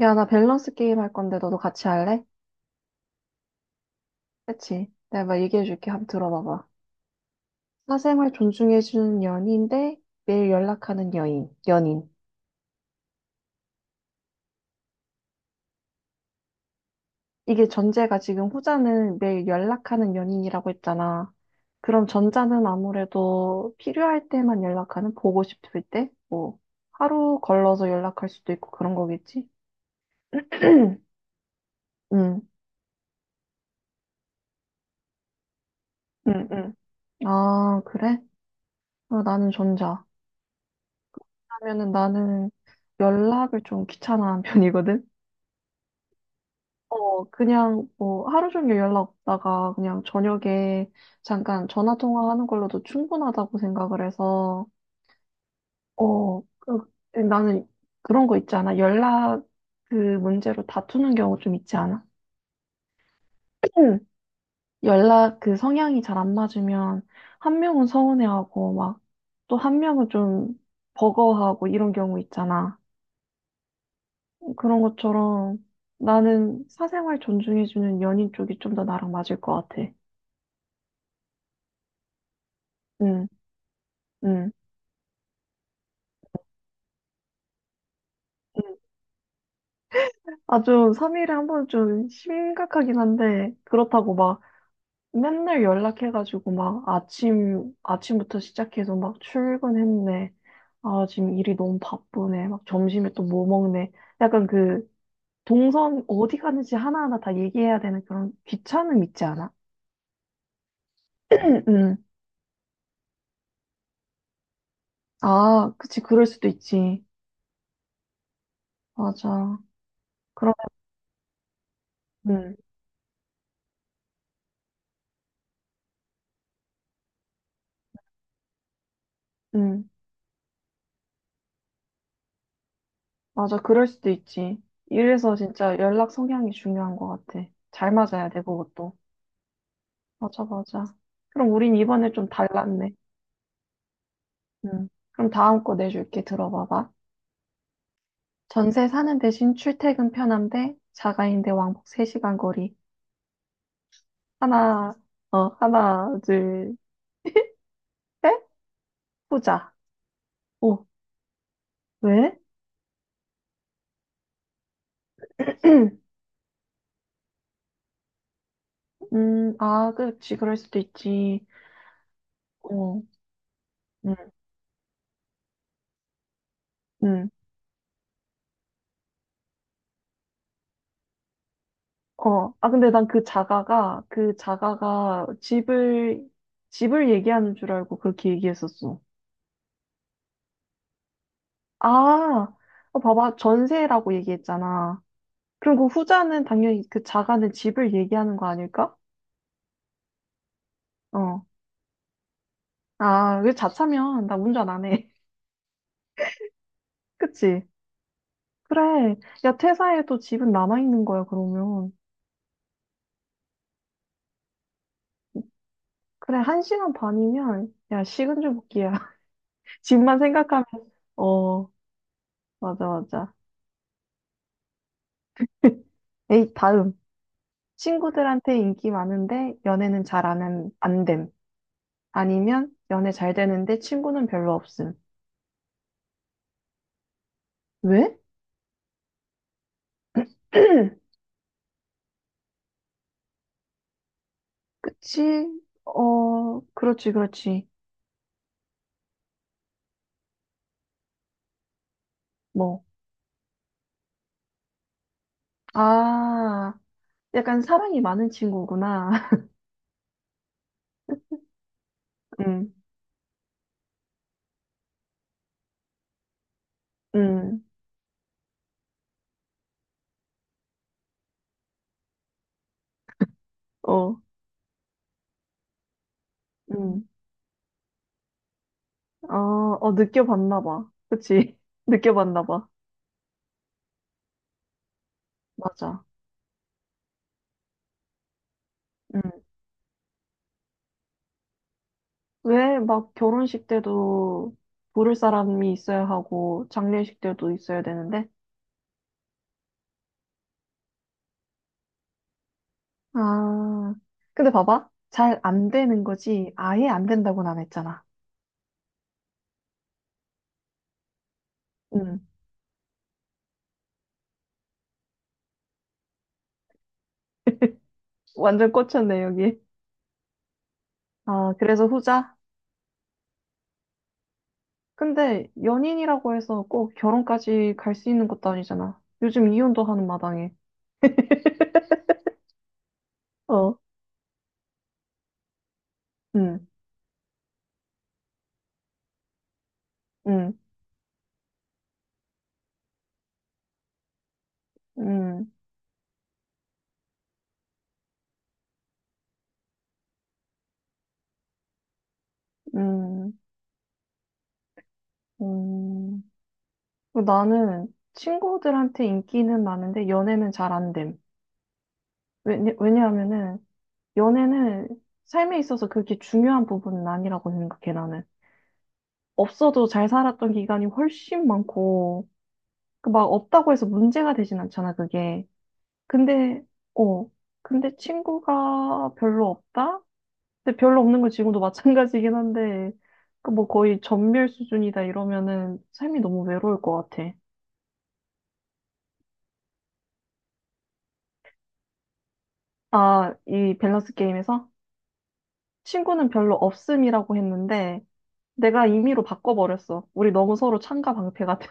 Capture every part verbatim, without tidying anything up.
야, 나 밸런스 게임 할 건데 너도 같이 할래? 그치? 내가 막 얘기해 줄게. 한번 들어봐봐. 사생활 존중해 주는 연인 대 매일 연락하는 여인, 연인. 이게 전제가 지금 후자는 매일 연락하는 연인이라고 했잖아. 그럼 전자는 아무래도 필요할 때만 연락하는, 보고 싶을 때? 뭐, 하루 걸러서 연락할 수도 있고 그런 거겠지? 응, 응, 응. 아, 그래? 아, 나는 전자. 왜냐면은 나는 연락을 좀 귀찮아하는 편이거든? 그냥 뭐 하루 종일 연락 없다가 그냥 저녁에 잠깐 전화 통화하는 걸로도 충분하다고 생각을 해서, 어, 그- 나는 그런 거 있지 않아? 연락 그 문제로 다투는 경우 좀 있지 않아? 연락 그 성향이 잘 안 맞으면 한 명은 서운해하고 막 또 한 명은 좀 버거워하고 이런 경우 있잖아. 그런 것처럼 나는 사생활 존중해주는 연인 쪽이 좀 더 나랑 맞을 것 같아. 응, 응. 응. 아주 삼 일에 한 번 좀 심각하긴 한데, 그렇다고 막 맨날 연락해가지고 막 아침, 아침부터 시작해서 막 출근했네. 아, 지금 일이 너무 바쁘네. 막 점심에 또 뭐 먹네. 약간 그 동선 어디 가는지 하나하나 다 얘기해야 되는 그런 귀찮음 있지 않아? 응, 응. 아, 그치. 그럴 수도 있지. 맞아. 그러면, 응, 응. 맞아. 그럴 수도 있지. 이래서 진짜 연락 성향이 중요한 것 같아. 잘 맞아야 돼, 그것도. 맞아, 맞아. 그럼 우린 이번에 좀 달랐네. 음. 그럼 다음 거 내줄게. 들어봐봐. 전세 사는 대신 출퇴근 편한데 자가인데 왕복 세 시간 거리. 하나, 어, 하나, 둘, 셋? 보자. 오, 왜? 음, 아, 그렇지. 그럴 수도 있지. 어, 음, 음. 어, 아, 근데 난 그 자가가, 그 자가가 집을, 집을 얘기하는 줄 알고 그렇게 얘기했었어. 아, 어, 봐봐. 전세라고 얘기했잖아. 그리고 후자는 당연히 그 자가는 집을 얘기하는 거 아닐까? 어. 아, 왜 자차면 나 운전 안 해. 그치? 그래. 야, 퇴사해도 집은 남아있는 거야, 그러면. 그래, 한 시간 반이면, 야, 식은 죽 먹기야. 집만 생각하면, 어, 맞아, 맞아. 에이, 다음. 친구들한테 인기 많은데 연애는 잘 안, 한- 안 됨. 아니면 연애 잘 되는데 친구는 별로 없음. 왜? 그치? 어, 그렇지, 그렇지. 뭐, 아, 약간 사랑이 많은 친구구나. 응, 응, 어, 응, 어, 어, 느껴봤나 봐. 그치? 느껴봤나 봐. 맞아. 응. 왜 막 결혼식 때도 부를 사람이 있어야 하고, 장례식 때도 있어야 되는데? 아, 근데 봐봐. 잘 안 되는 거지. 아예 안 된다고는 안 했잖아. 응. 완전 꽂혔네, 여기. 아, 그래서 후자? 근데 연인이라고 해서 꼭 결혼까지 갈 수 있는 것도 아니잖아. 요즘 이혼도 하는 마당에. 어, 응, 응, 응, 응, 응. 그리고 나는 친구들한테 인기는 많은데 연애는 잘 안 됨. 왜, 왜냐하면은 연애는 삶에 있어서 그렇게 중요한 부분은 아니라고 생각해, 나는. 없어도 잘 살았던 기간이 훨씬 많고, 그 막 없다고 해서 문제가 되진 않잖아, 그게. 근데, 어, 근데 친구가 별로 없다? 근데 별로 없는 건 지금도 마찬가지긴 한데, 그 뭐 거의 전멸 수준이다 이러면은 삶이 너무 외로울 것 같아. 아, 이 밸런스 게임에서 친구는 별로 없음이라고 했는데, 내가 임의로 바꿔버렸어. 우리 너무 서로 창가 방패 같아.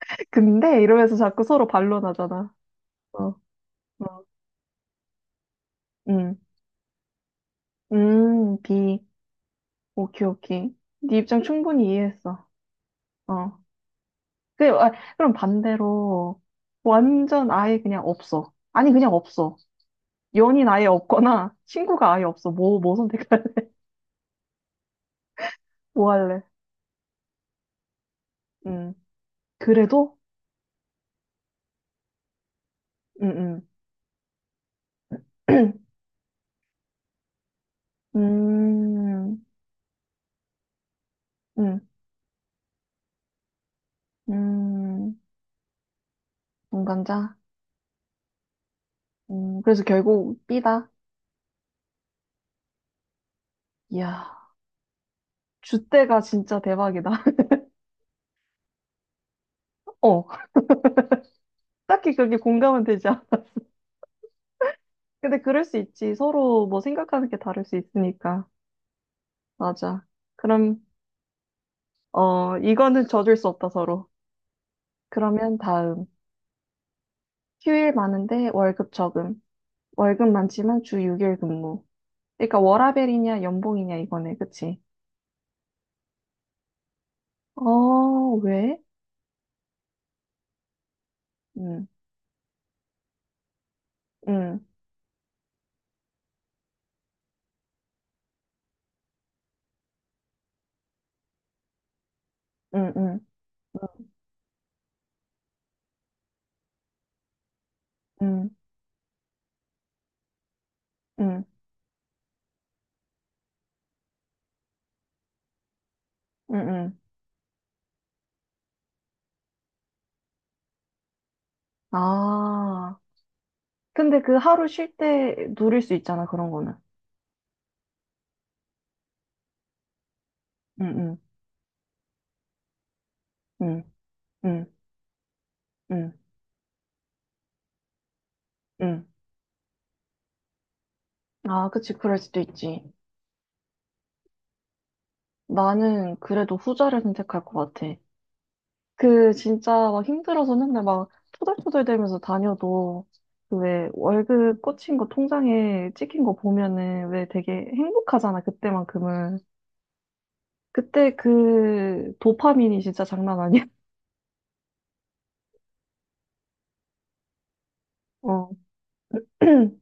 근데 이러면서 자꾸 서로 반론하잖아. 어, 어, 음, 음, B. 오케이, 오케이. 네 입장 충분히 이해했어. 어. 그, 아, 그럼 반대로 완전 아예 그냥 없어. 아니 그냥 없어. 연인 아예 없거나 친구가 아예 없어. 뭐, 뭐 선택할래? 뭐 할래? 음. 그래도? 음, 음. 음, 음, 음. 동감자? 음, 그래서 결국 B다. 이야, 주대가 진짜 대박이다. 어, 딱히 그렇게 공감은 되지 않아. 근데 그럴 수 있지. 서로 뭐 생각하는 게 다를 수 있으니까. 맞아. 그럼, 어, 이거는 져줄 수 없다, 서로. 그러면 다음. 휴일 많은데 월급 적음. 월급 많지만 주 육 일 근무. 그러니까 워라밸이냐 연봉이냐 이거네. 그치? 어, 왜? 응, 응, 응, 응, 응, 응, 응, 응. 응. 아. 근데 그 하루 쉴 때 누릴 수 있잖아, 그런 거는. 응, 응, 응, 응, 응, 응. 아, 그치. 그럴 수도 있지. 나는 그래도 후자를 선택할 것 같아. 그 진짜 막 힘들어서 맨날 막 토들토들대면서 다녀도 그 왜 월급 꽂힌 거 통장에 찍힌 거 보면은 왜 되게 행복하잖아 그때만큼은. 그때 그 도파민이 진짜 장난 아니야. 어.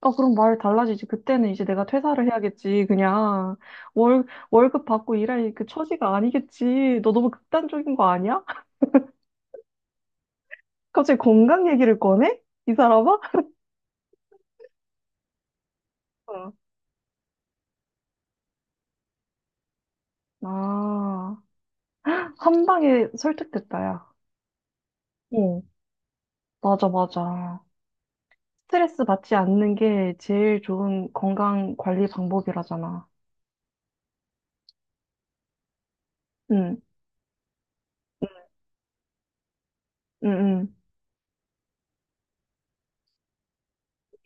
어, 그럼 말 달라지지. 그때는 이제 내가 퇴사를 해야겠지. 그냥 월 월급 받고 일할 그 처지가 아니겠지. 너 너무 극단적인 거 아니야? 갑자기 건강 얘기를 꺼내? 이 사람아? 어. 아, 한 방에 설득됐다, 야. 응, 맞아, 맞아. 스트레스 받지 않는 게 제일 좋은 건강 관리 방법이라잖아. 응, 응, 응,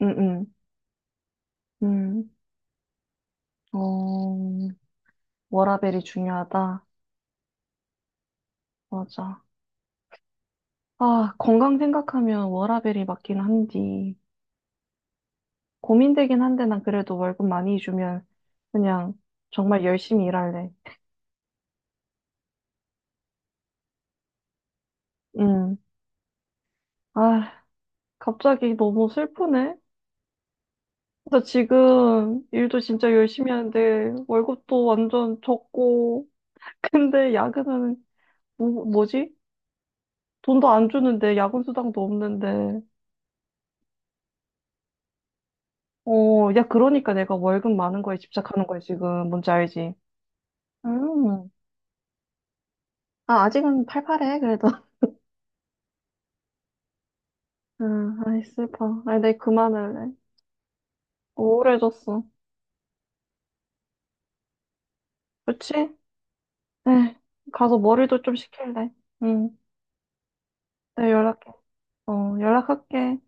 응, 응, 응. 어, 워라밸이 중요하다. 맞아. 아, 건강 생각하면 워라밸이 맞긴 한디. 고민되긴 한데 난 그래도 월급 많이 주면 그냥 정말 열심히 일할래. 응. 아, 갑자기 너무 슬프네. 나 지금 일도 진짜 열심히 하는데 월급도 완전 적고, 근데 야근은 뭐, 뭐지? 돈도 안 주는데 야근 수당도 없는데. 어, 야 그러니까 내가 월급 많은 거에 집착하는 거야 지금. 뭔지 알지? 음. 아, 아직은 팔팔해 그래도. 아, 아이 슬퍼. 아이 내 그만할래. 우울해졌어. 그치? 에이, 가서 머리도 좀 식힐래. 응. 내가 연락해. 어, 연락할게.